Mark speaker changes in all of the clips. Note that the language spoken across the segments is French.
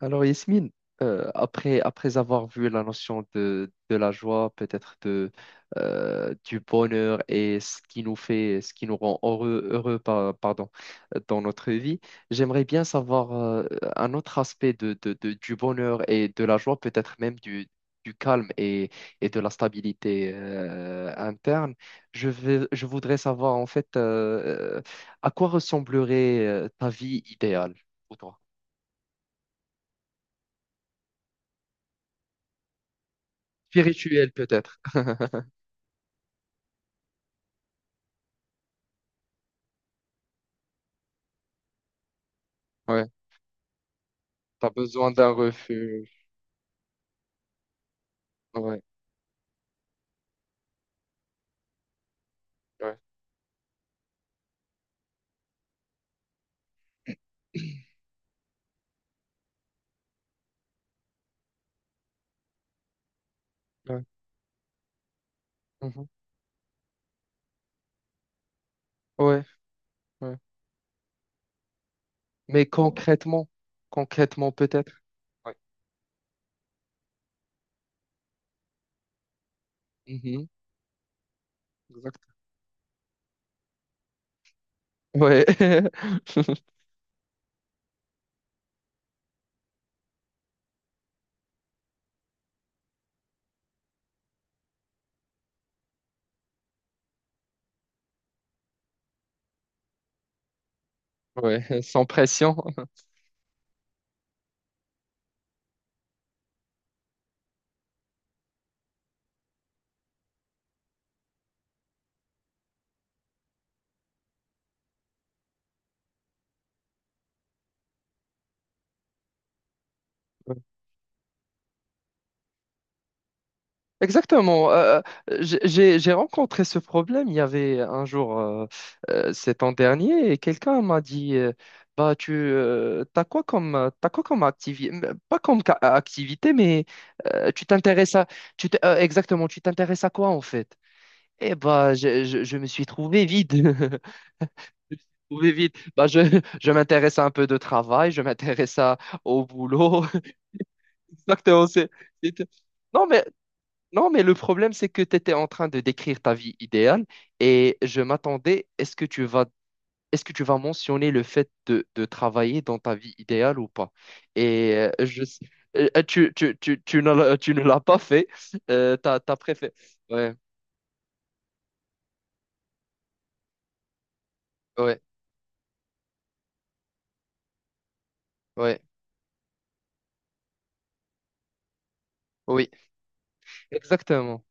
Speaker 1: Alors Yasmine, après avoir vu la notion de la joie, peut-être du bonheur et ce qui nous rend heureux, pardon, dans notre vie, j'aimerais bien savoir un autre aspect du bonheur et de la joie, peut-être même du calme et de la stabilité interne. Je voudrais savoir en fait à quoi ressemblerait ta vie idéale pour toi. Spirituel peut-être. Ouais, t'as besoin d'un refuge. Ouais, ouais. Ouais. Mhm. Ouais, ouais. Mais concrètement, concrètement peut-être. Ouais. Mhm. Exact. Ouais. Ouais, sans pression. Exactement. J'ai rencontré ce problème. Il y avait un jour, cet an dernier, et quelqu'un m'a dit, bah t'as quoi t'as quoi comme activité, pas comme activité, mais tu t'intéresses exactement, tu t'intéresses à quoi en fait? Eh bah je me suis trouvé vide. Trouvé vide. Bah je m'intéresse à un peu de travail, je m'intéresse à au boulot. Exactement. C'est- non, mais non, mais le problème, c'est que tu étais en train de décrire ta vie idéale et je m'attendais, est-ce que tu vas mentionner le fait de travailler dans ta vie idéale ou pas? Et je, tu, tu, tu, tu ne l'as pas fait, t'as préféré. Ouais, ouais, ouais, oui, exactement.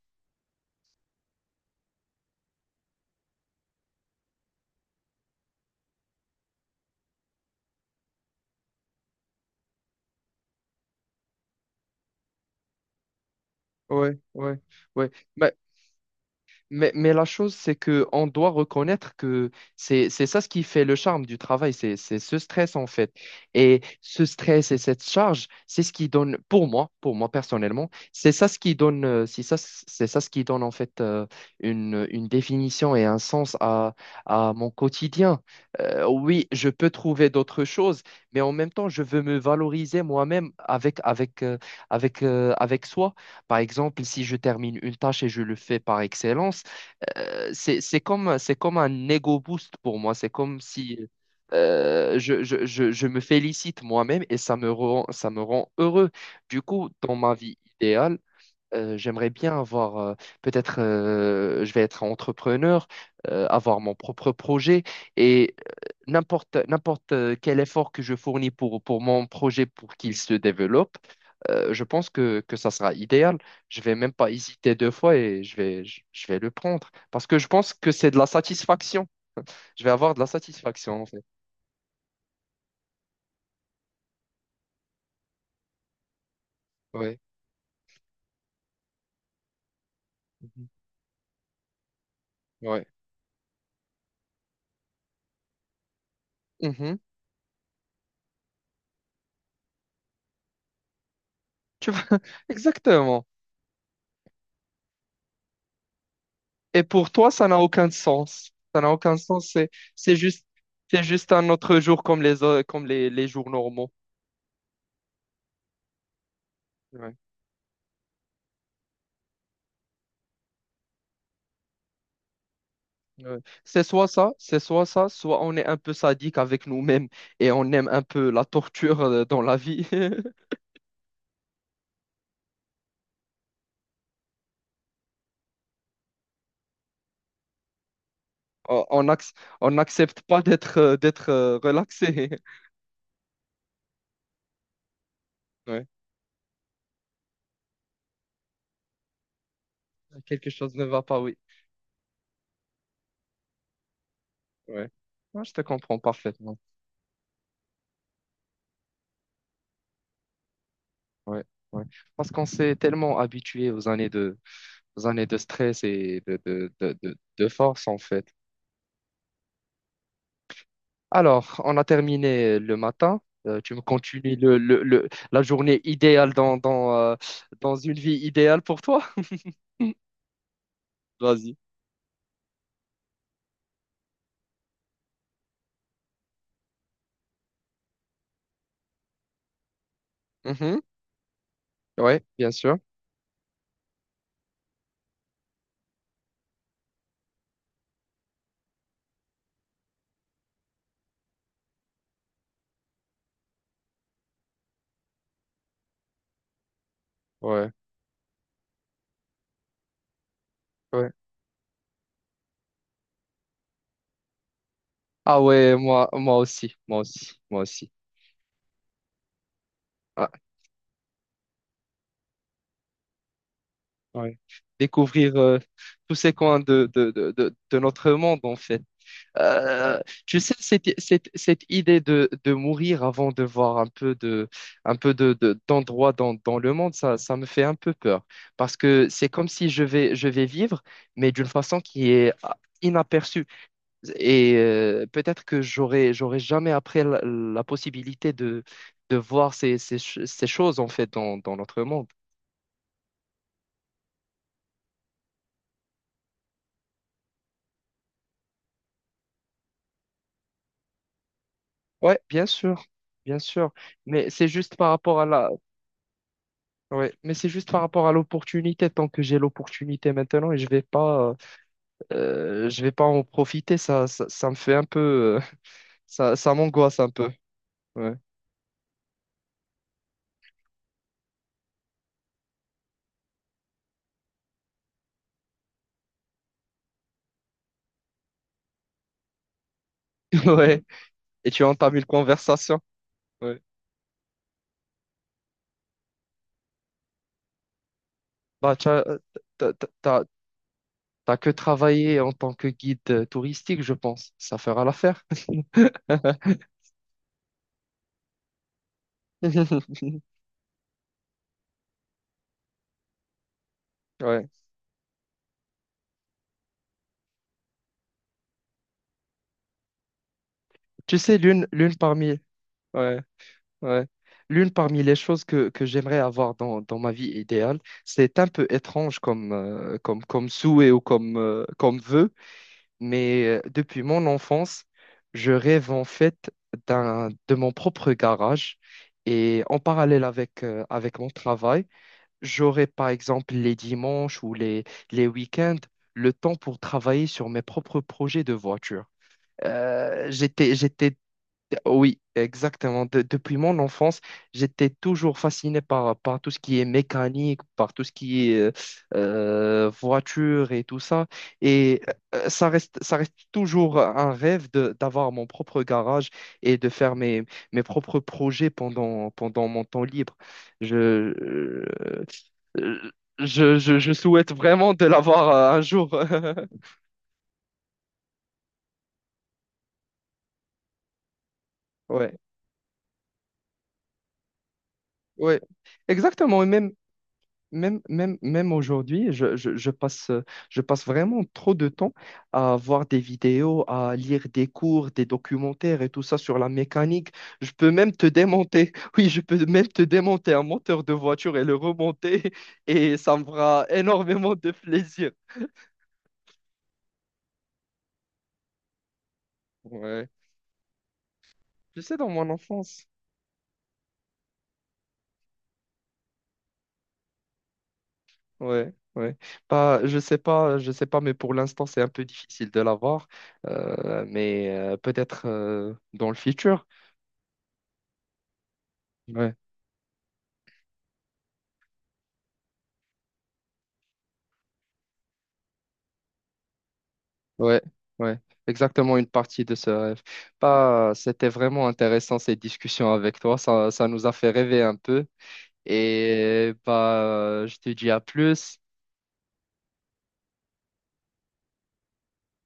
Speaker 1: Ouais, ouais, ouais. Mais la chose, c'est que on doit reconnaître que c'est ça ce qui fait le charme du travail, c'est ce stress en fait. Et ce stress et cette charge, c'est ce qui donne, pour moi personnellement, c'est ça ce qui donne, c'est ça ce qui donne en fait une définition et un sens à mon quotidien. Oui, je peux trouver d'autres choses, mais en même temps, je veux me valoriser moi-même avec soi. Par exemple, si je termine une tâche et je le fais par excellence, c'est comme un ego boost pour moi. C'est comme si je me félicite moi-même et ça me rend heureux. Du coup, dans ma vie idéale, j'aimerais bien avoir, peut-être, je vais être entrepreneur, avoir mon propre projet et n'importe quel effort que je fournis pour mon projet pour qu'il se développe je pense que, ça sera idéal. Je vais même pas hésiter deux fois et je vais le prendre. Parce que je pense que c'est de la satisfaction. Je vais avoir de la satisfaction, en fait. Ouais. Mhm. Ouais. Mhm. Tu vois, exactement. Et pour toi, ça n'a aucun sens. Ça n'a aucun sens. C'est juste, c'est juste un autre jour comme les jours normaux. Ouais. Ouais. C'est soit ça, soit on est un peu sadique avec nous-mêmes et on aime un peu la torture dans la vie. on on acc- on n'accepte pas d'être relaxé. Ouais. Quelque chose ne va pas, oui. Ouais. Ouais, je te comprends parfaitement. Ouais, ouais. Parce qu'on s'est tellement habitué aux années de stress et de force, en fait. Alors, on a terminé le matin. Tu me continues la journée idéale dans une vie idéale pour toi? Vas-y. Mhm. Ouais, bien sûr. Ouais, ouais. Ah ouais, moi aussi, moi aussi, moi aussi. Ah, ouais. Découvrir tous ces coins de notre monde, en fait. Euh, Tu sais, cette idée de mourir avant de voir un peu d'endroits dans le monde, ça me fait un peu peur. Parce que c'est comme si je vais vivre, mais d'une façon qui est inaperçue. Et peut-être que j'aurai, j'aurai jamais après la possibilité de voir ces choses, en fait, dans notre monde. Ouais, bien sûr, bien sûr. Mais c'est juste par rapport ouais, mais c'est juste par rapport à l'opportunité. Tant que j'ai l'opportunité maintenant et je vais pas en profiter, ça me fait un peu, ça m'angoisse un peu. Ouais. Ouais. Et tu entames une conversation. Ouais. Bah, t'as, t'as- t'as- t'as que travaillé en tant que guide touristique, je pense. Ça fera l'affaire. Ouais. Tu sais, l'une parmi, ouais. Ouais. L'une parmi les choses que j'aimerais avoir dans ma vie idéale, c'est un peu étrange comme souhait ou comme vœu, mais depuis mon enfance, je rêve en fait de mon propre garage et en parallèle avec mon travail, j'aurai par exemple les dimanches ou les week-ends le temps pour travailler sur mes propres projets de voiture. J'étais, oui, exactement. Depuis mon enfance, j'étais toujours fasciné par tout ce qui est mécanique, par tout ce qui est voiture et tout ça. Et ça reste toujours un rêve d'avoir mon propre garage et de faire mes propres projets pendant mon temps libre. Je, euh, euh, je souhaite vraiment de l'avoir un jour. Ouais, ouais, exactement. Et même. Même, même, même aujourd'hui, je passe vraiment trop de temps à voir des vidéos, à lire des cours, des documentaires et tout ça sur la mécanique. Je peux même te démonter. Oui, je peux même te démonter un moteur de voiture et le remonter et ça me fera énormément de plaisir. Ouais. Je sais, dans mon enfance. Ouais, ouais. Pas, je sais pas, je sais pas, mais pour l'instant, c'est un peu difficile de l'avoir. Mais peut-être dans le futur. Ouais. Ouais, ouais, exactement une partie de ce rêve. Bah, c'était vraiment intéressant ces discussions avec toi. Ça nous a fait rêver un peu. Et bah, je te dis à plus.